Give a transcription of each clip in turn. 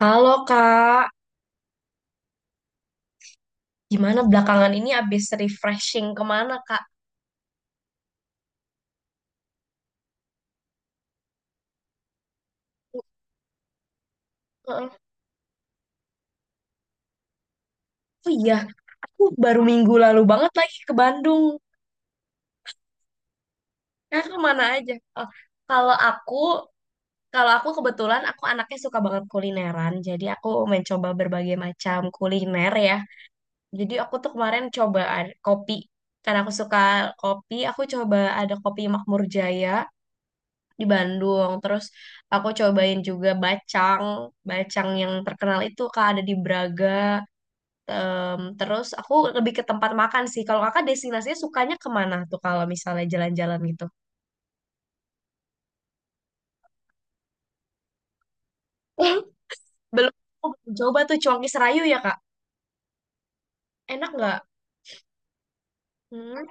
Halo Kak, gimana belakangan ini abis refreshing kemana Kak? Heeh. Oh iya, aku baru minggu lalu banget lagi ke Bandung. Nah, kemana aja? Oh, kalau aku, kalau aku kebetulan aku anaknya suka banget kulineran, jadi aku mencoba berbagai macam kuliner ya. Jadi aku tuh kemarin coba kopi, karena aku suka kopi, aku coba ada kopi Makmur Jaya di Bandung. Terus aku cobain juga bacang, bacang yang terkenal itu Kak ada di Braga. Terus aku lebih ke tempat makan sih. Kalau kakak destinasinya sukanya kemana tuh kalau misalnya jalan-jalan gitu? Belum, aku belum coba tuh Cuanki Serayu ya Kak. Enak nggak? Hmm.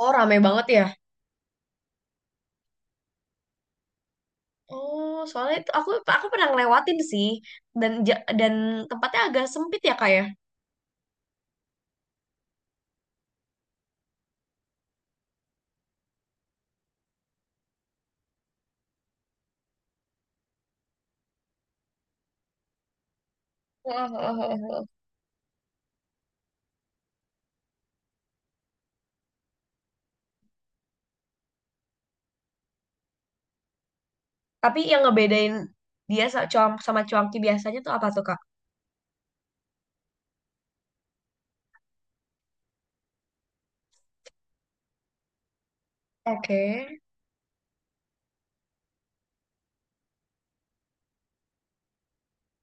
Oh, rame banget ya. Oh, soalnya itu aku pernah ngelewatin sih dan tempatnya agak sempit ya Kak ya. Tapi yang ngebedain dia sama cuanki biasanya tuh apa tuh Kak? Oke,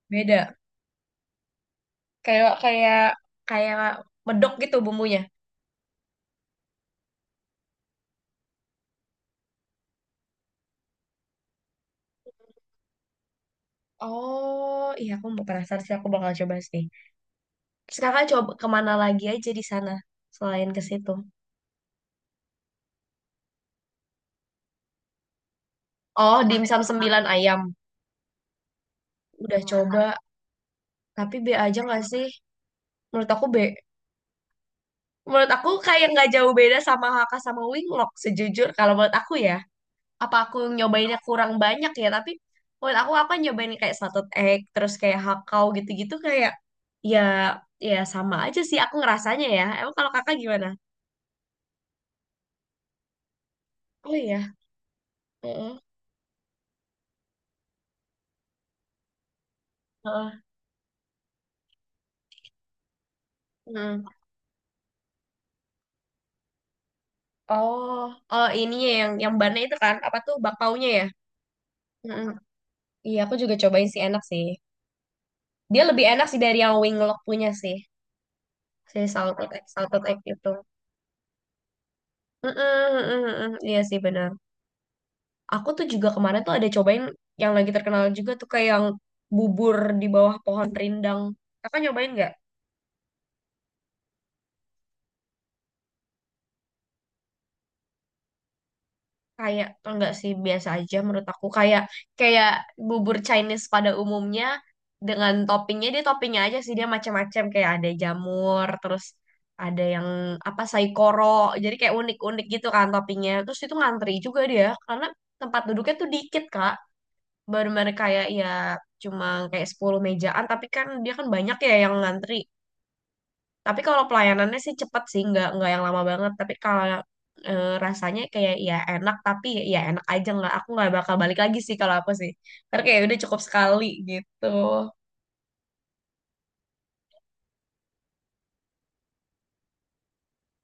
beda. Kayak kayak kayak medok gitu bumbunya. Oh, iya aku mau penasaran sih aku bakal coba sih. Terus kakak coba kemana lagi aja di sana selain ke situ? Oh, dimsum sembilan ayam. Udah coba, tapi B aja nggak sih? Menurut aku B. Menurut aku kayak nggak jauh beda sama Haka sama Winglok sejujur kalau menurut aku ya. Apa aku nyobainnya kurang banyak ya, tapi menurut aku kan nyobain kayak satu egg terus kayak hakau gitu-gitu. Kayak ya, ya sama aja sih aku ngerasanya. Ya, emang. Kalau kakak gimana? Oh iya. Heeh. Heeh. Heeh. Oh, oh, ini ya yang bannya itu kan apa tuh bakpaunya ya. Heeh. Iya aku juga cobain sih enak sih, dia lebih enak sih dari yang winglock punya sih, si salted egg itu. Heeh, heeh, heeh. Iya sih, benar. Aku tuh juga kemarin tuh ada cobain yang lagi terkenal juga tuh kayak yang bubur di bawah pohon rindang. Kakak nyobain nggak? Kayak enggak sih, biasa aja menurut aku, kayak kayak bubur Chinese pada umumnya dengan toppingnya, dia toppingnya aja sih, dia macam-macam kayak ada jamur, terus ada yang apa saikoro, jadi kayak unik-unik gitu kan toppingnya. Terus itu ngantri juga dia karena tempat duduknya tuh dikit Kak, baru-baru kayak ya cuma kayak 10 mejaan tapi kan dia kan banyak ya yang ngantri. Tapi kalau pelayanannya sih cepet sih, nggak yang lama banget. Tapi kalau rasanya kayak ya enak, tapi ya, ya enak aja nggak. Aku nggak bakal balik lagi sih kalau aku sih. Karena kayak udah cukup sekali gitu.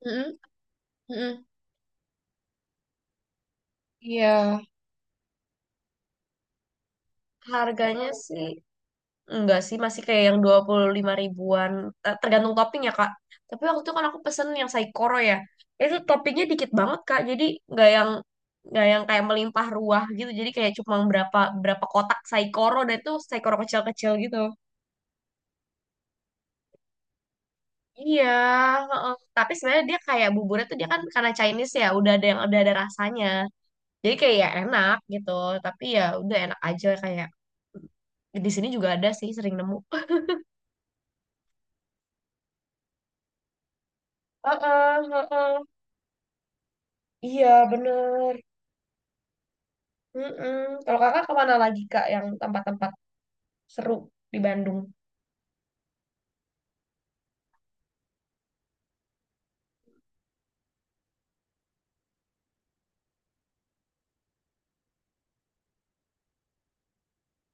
Mm-mm, mm-mm. Iya. Harganya sih. Enggak sih, masih kayak yang 25 ribuan. Tergantung topping ya, Kak. Tapi waktu itu kan aku pesen yang saikoro ya. Itu toppingnya dikit banget, Kak. Jadi nggak yang nggak yang kayak melimpah ruah gitu. Jadi kayak cuma berapa berapa kotak saikoro dan itu saikoro kecil-kecil gitu. Iya, heeh. Tapi sebenarnya dia kayak buburnya tuh dia kan karena Chinese ya, udah ada rasanya. Jadi kayak ya enak gitu. Tapi ya udah enak aja, kayak di sini juga ada sih, sering nemu. Heeh, heeh. Iya, bener. Mm-mm. Kalau kakak kemana lagi kak yang tempat-tempat seru di Bandung?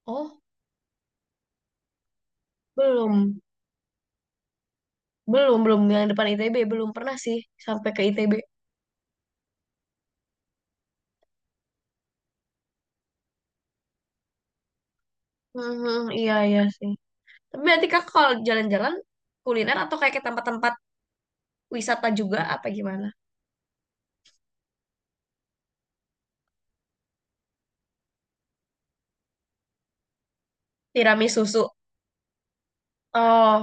Oh, belum. Belum, belum. Yang depan ITB. Belum pernah sih sampai ke ITB. Mhm, iya, iya sih. Tapi nanti kak kalau jalan-jalan kuliner atau kayak ke tempat-tempat wisata juga apa gimana? Tiramisu susu. Oh.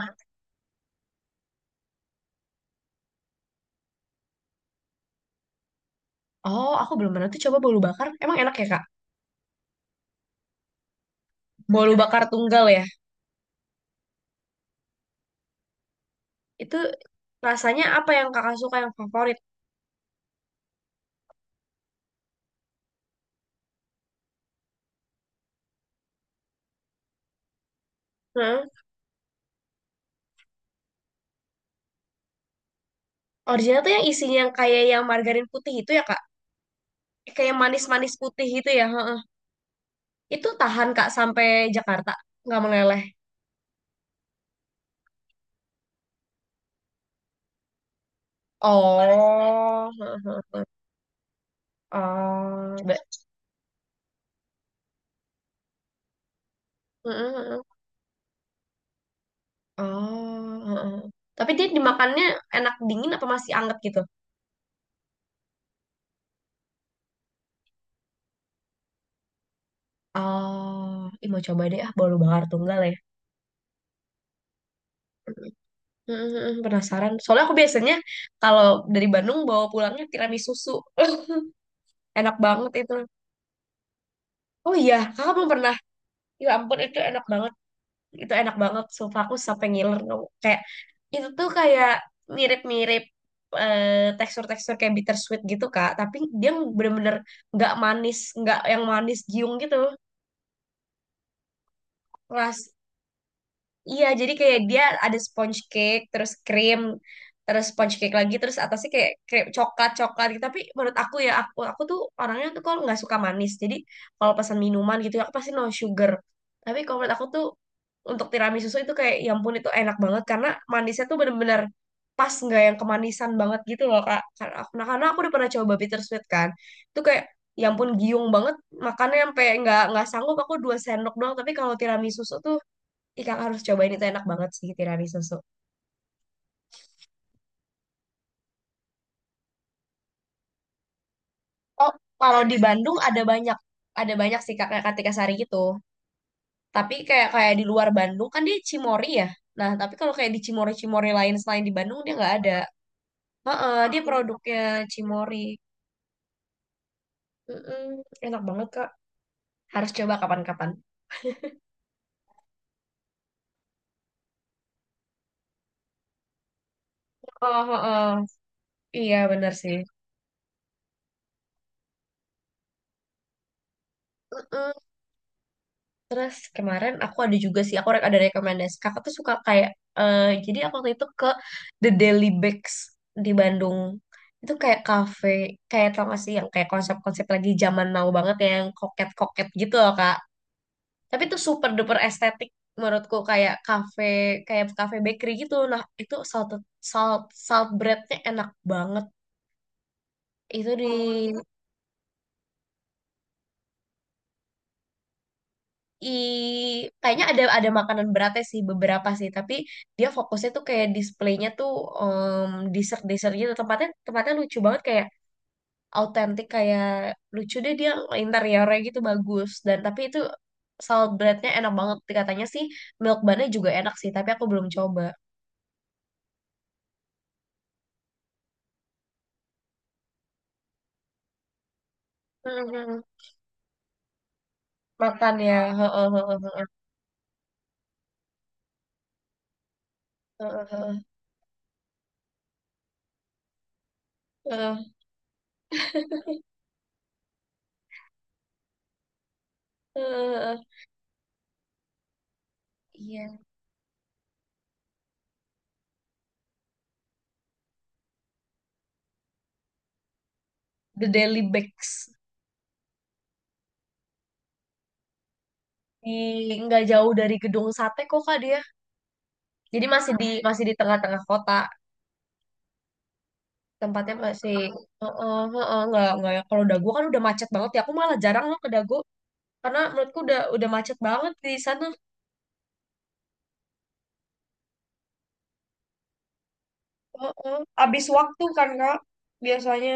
Oh, aku belum pernah tuh coba bolu bakar. Emang enak ya, Kak? Bolu bakar tunggal ya. Itu rasanya apa yang Kakak suka yang favorit? Hmm? Original tuh yang isinya yang kayak yang margarin putih itu ya, Kak? Kayak manis-manis putih gitu ya. Heeh. Itu tahan Kak sampai Jakarta, nggak meleleh? Oh, heeh, heeh. Oh, heeh, heeh. Oh, heeh. Tapi dia dimakannya enak dingin apa masih anget gitu? Oh, ih, mau coba deh ah, bolu bakar tunggal ya. Heeh, heeh. Penasaran. Soalnya aku biasanya kalau dari Bandung bawa pulangnya tiramisu susu. Enak banget itu. Oh iya, kakak belum pernah. Ya ampun, itu enak banget. Itu enak banget sumpah, aku sampai ngiler tau. Kayak itu tuh kayak mirip-mirip, tekstur-tekstur kayak bittersweet gitu kak, tapi dia bener-bener nggak manis, nggak yang manis giung gitu. ras Iya, jadi kayak dia ada sponge cake, terus krim, terus sponge cake lagi, terus atasnya kayak krim coklat coklat gitu. Tapi menurut aku ya, aku tuh orangnya tuh kalau nggak suka manis. Jadi kalau pesan minuman gitu, aku pasti no sugar. Tapi kalau menurut aku tuh untuk tiramisu itu kayak, ya ampun itu enak banget karena manisnya tuh bener-bener pas nggak yang kemanisan banget gitu loh kak. Karena aku udah pernah coba bittersweet kan, itu kayak ya ampun giung banget makannya sampai nggak sanggup aku dua sendok doang, tapi kalau tiramisu tuh Ikan harus cobain, itu enak banget sih tiramisu susu. Oh. Kalau di Bandung ada banyak sih Kak, kayak Kartika Sari gitu. Tapi kayak kayak di luar Bandung kan dia Cimori ya. Nah, tapi kalau kayak di Cimori-Cimori lain selain di Bandung dia nggak ada. Heeh, dia produknya Cimori. Mm-mm, enak banget Kak. Harus coba kapan-kapan. Oh, heeh. Iya bener sih. Mm-mm. Terus kemarin aku ada juga sih, ada rekomendasi. Kakak tuh suka kayak, eh jadi aku waktu itu ke The Daily Bakes di Bandung. Itu kayak cafe, kayak tau gak sih yang kayak konsep-konsep lagi zaman now banget ya, yang koket-koket gitu loh Kak. Tapi itu super duper estetik menurutku kayak cafe bakery gitu. Nah itu salt breadnya enak banget. Itu di. Oh. i Kayaknya ada makanan beratnya sih beberapa sih tapi dia fokusnya tuh kayak displaynya tuh dessert dessert gitu, tempatnya tempatnya lucu banget kayak autentik kayak lucu deh dia interiornya gitu bagus dan tapi itu salad breadnya enak banget katanya sih, milk bunnya juga enak sih tapi aku belum coba. Mhm. Makan ya. Heeh, heeh, heeh, heeh, heeh, heeh, heeh. Iya, The Daily Bakes di nggak jauh dari gedung sate kok kak dia. Jadi masih di tengah-tengah kota. Tempatnya masih heeh heeh. Nggak yang- Kalau Dago kan udah macet banget ya. Aku malah jarang loh ke Dago karena menurutku udah macet banget di sana. Heeh. Habis waktu kan Kak, biasanya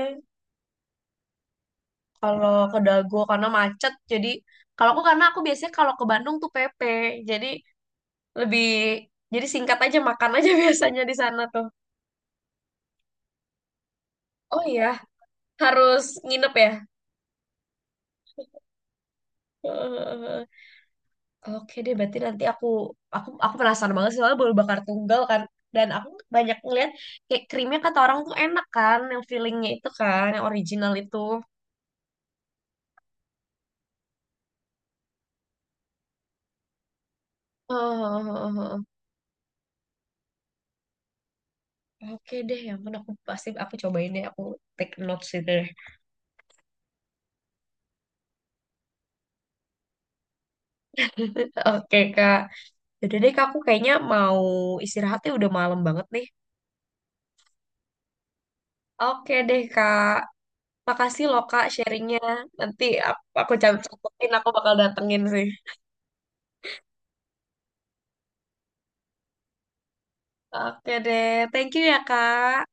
kalau ke Dago karena macet. Jadi kalau aku karena aku biasanya kalau ke Bandung tuh PP. Jadi lebih jadi singkat aja makan aja biasanya di sana tuh. Oh iya, harus nginep ya. Heeh. Oke deh, berarti nanti aku penasaran banget sih soalnya baru bakar tunggal kan dan aku banyak ngeliat kayak krimnya kata orang tuh enak kan yang fillingnya itu kan yang original itu. Oh. Oke deh, ya ampun aku pasti aku cobain deh, aku take notes itu deh. Oke Kak, yaudah deh Kak, aku kayaknya mau istirahatnya udah malam banget nih. Oke deh Kak, makasih loh Kak sharingnya. Nanti aku catat, aku bakal datengin sih. Oke deh, thank you ya Kak.